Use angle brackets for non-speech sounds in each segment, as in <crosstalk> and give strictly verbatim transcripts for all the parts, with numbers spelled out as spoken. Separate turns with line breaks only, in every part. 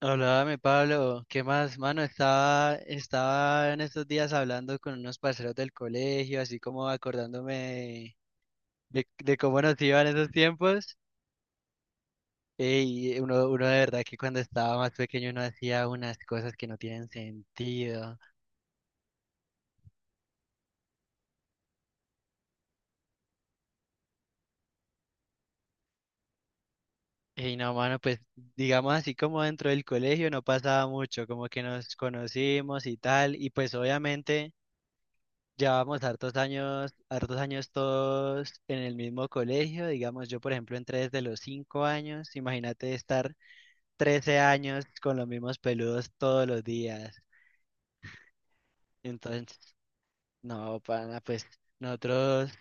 Háblame, Pablo. ¿Qué más, mano? Estaba, estaba en estos días hablando con unos parceros del colegio, así como acordándome de, de cómo nos iban esos tiempos. eh, Y uno, uno de verdad que cuando estaba más pequeño uno hacía unas cosas que no tienen sentido. Y no, mano, pues digamos así como dentro del colegio no pasaba mucho, como que nos conocimos y tal. Y pues obviamente... Llevábamos hartos años, hartos años todos en el mismo colegio, digamos, yo por ejemplo entré desde los cinco años, imagínate estar trece años con los mismos peludos todos los días. Entonces, no, pana, pues nosotros,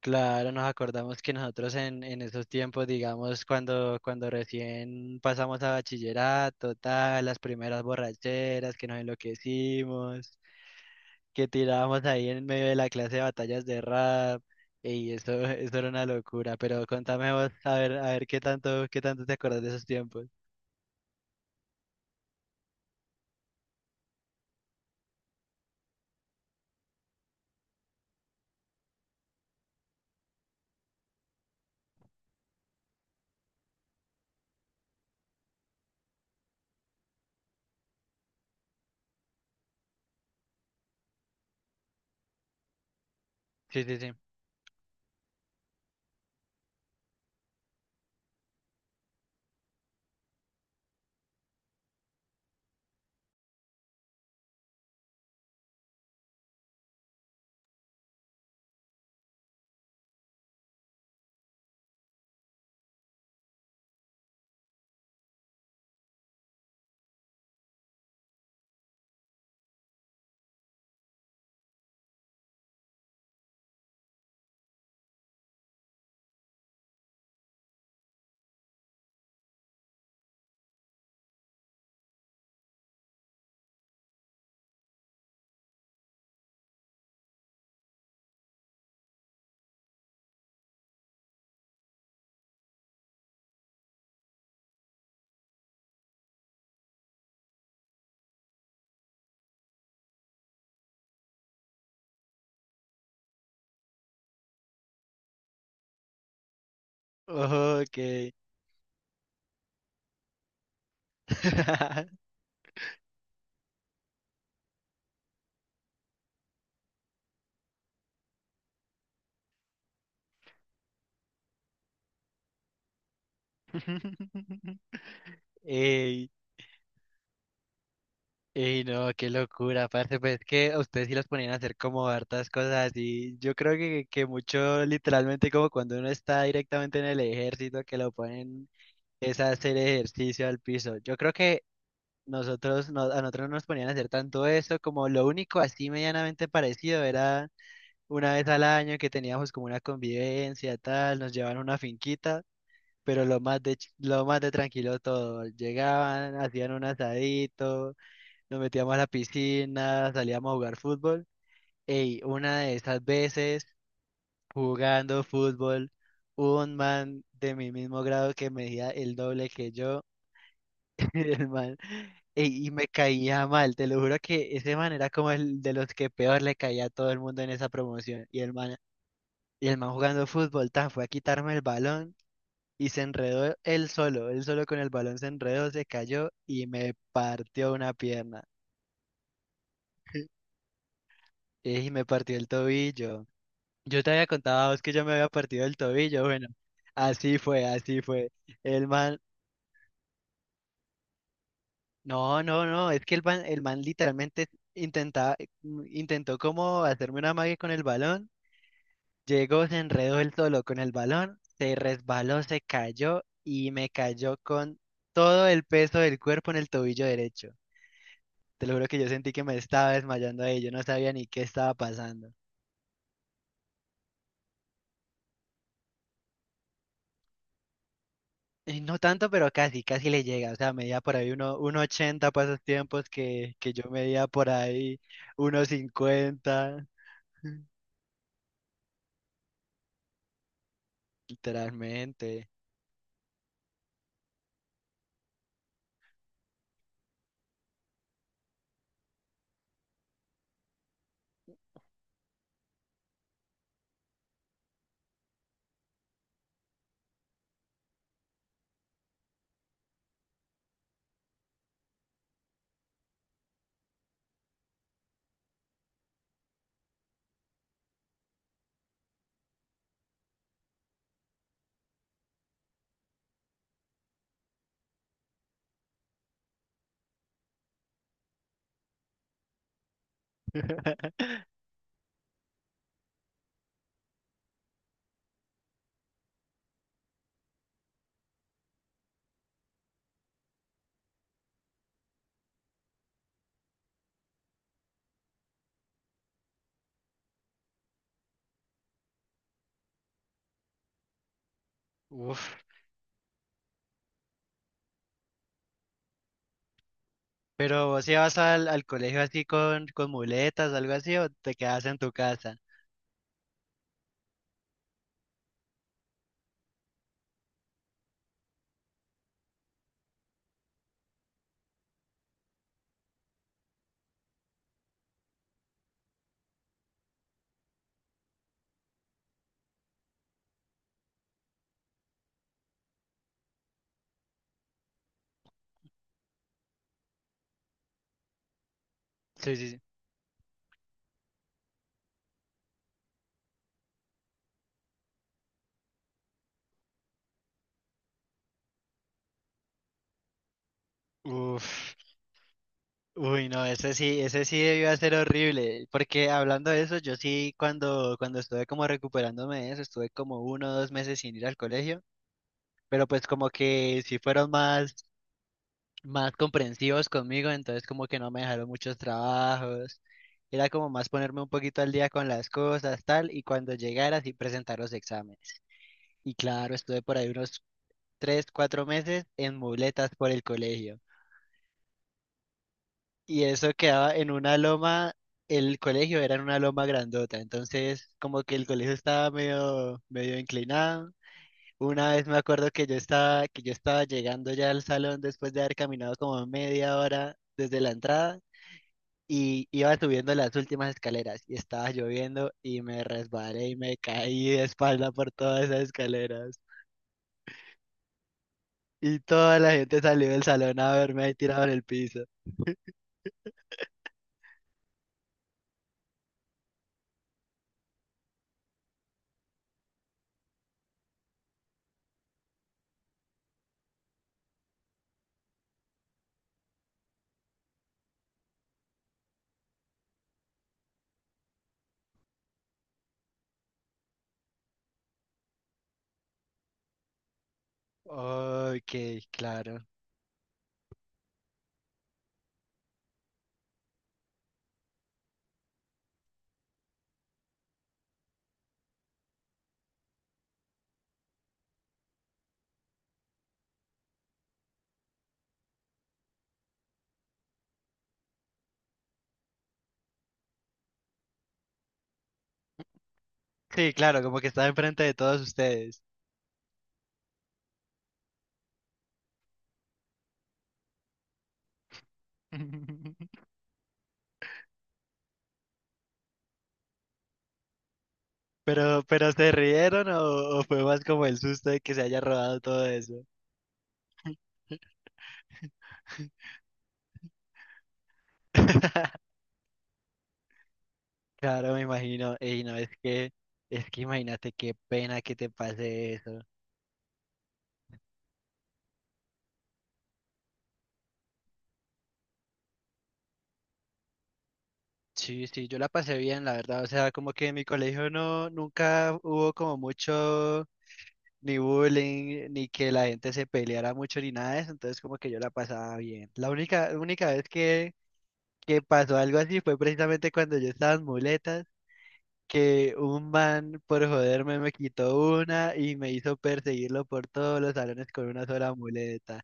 claro, nos acordamos que nosotros en, en esos tiempos, digamos, cuando, cuando recién pasamos a bachillerato, tal, las primeras borracheras que nos enloquecimos. Que tirábamos ahí en medio de la clase de batallas de rap, y eso, eso era una locura, pero contame vos, a ver, a ver qué tanto, qué tanto te acordás de esos tiempos. Sí, sí, sí. Oh, ok. <laughs> Ey, ey, no, qué locura, parce, pues es que a ustedes sí los ponían a hacer como hartas cosas y yo creo que, que mucho literalmente como cuando uno está directamente en el ejército que lo ponen es a hacer ejercicio al piso. Yo creo que nosotros, no- a nosotros no nos ponían a hacer tanto eso, como lo único así medianamente parecido era una vez al año que teníamos como una convivencia, tal, nos llevaban a una finquita, pero lo más de, ch- lo más de tranquilo todo. Llegaban, hacían un asadito, nos metíamos a la piscina, salíamos a jugar fútbol. Ey, una de esas veces jugando fútbol, hubo un man de mi mismo grado que medía el doble que yo. <laughs> El man, ey, y me caía mal, te lo juro que ese man era como el de los que peor le caía a todo el mundo en esa promoción. Y el man, y el man jugando fútbol, tan fue a quitarme el balón y se enredó él solo, él solo con el balón se enredó, se cayó y me partió una pierna. Ey, y me partió el tobillo. Yo te había contado a vos que yo me había partido el tobillo, bueno, así fue, así fue. El man no, no, no, es que el man, el man literalmente intentaba, intentó como hacerme una magia con el balón, llegó, se enredó él solo con el balón, se resbaló, se cayó y me cayó con todo el peso del cuerpo en el tobillo derecho. Te lo juro que yo sentí que me estaba desmayando ahí, yo no sabía ni qué estaba pasando. Y no tanto, pero casi, casi le llega, o sea, medía por ahí uno, uno ochenta para esos tiempos que, que yo medía por ahí uno cincuenta, <laughs> literalmente. <laughs> Uf, pero si vas al, al colegio así con, con muletas, algo así, o te quedas en tu casa. Sí, sí, sí. Uf, uy, no, ese sí, ese sí debió ser horrible, porque hablando de eso, yo sí cuando, cuando estuve como recuperándome de eso, estuve como uno o dos meses sin ir al colegio, pero pues como que sí fueron más, más comprensivos conmigo, entonces como que no me dejaron muchos trabajos. Era como más ponerme un poquito al día con las cosas, tal, y cuando llegara sí presentar los exámenes. Y claro, estuve por ahí unos tres, cuatro meses en muletas por el colegio. Y eso quedaba en una loma, el colegio era en una loma grandota, entonces como que el colegio estaba medio, medio inclinado. Una vez me acuerdo que yo estaba, que yo estaba llegando ya al salón después de haber caminado como media hora desde la entrada y iba subiendo las últimas escaleras y estaba lloviendo y me resbalé y me caí de espalda por todas esas escaleras. Y toda la gente salió del salón a verme ahí tirado en el piso. Ok, claro. Sí, claro, como que estaba enfrente de todos ustedes. <laughs> Pero, pero ¿se rieron o, o fue más como el susto de que se haya robado todo eso? <laughs> Claro, me imagino. Y no, es que, es que imagínate qué pena que te pase eso. Sí, sí, yo la pasé bien, la verdad. O sea, como que en mi colegio no, nunca hubo como mucho ni bullying, ni que la gente se peleara mucho, ni nada de eso, entonces como que yo la pasaba bien. La única, única vez que, que pasó algo así fue precisamente cuando yo estaba en muletas, que un man por joderme me quitó una y me hizo perseguirlo por todos los salones con una sola muleta.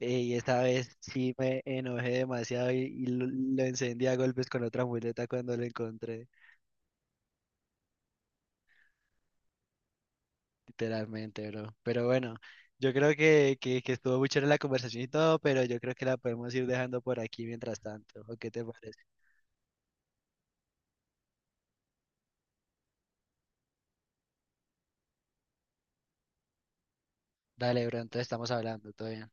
Eh, Y esta vez sí me enojé demasiado y, y lo, lo encendí a golpes con otra muleta cuando lo encontré. Literalmente, bro. Pero bueno, yo creo que, que, que estuvo muy chévere la conversación y todo, pero yo creo que la podemos ir dejando por aquí mientras tanto. ¿O qué te parece? Dale, bro, entonces estamos hablando, todo bien.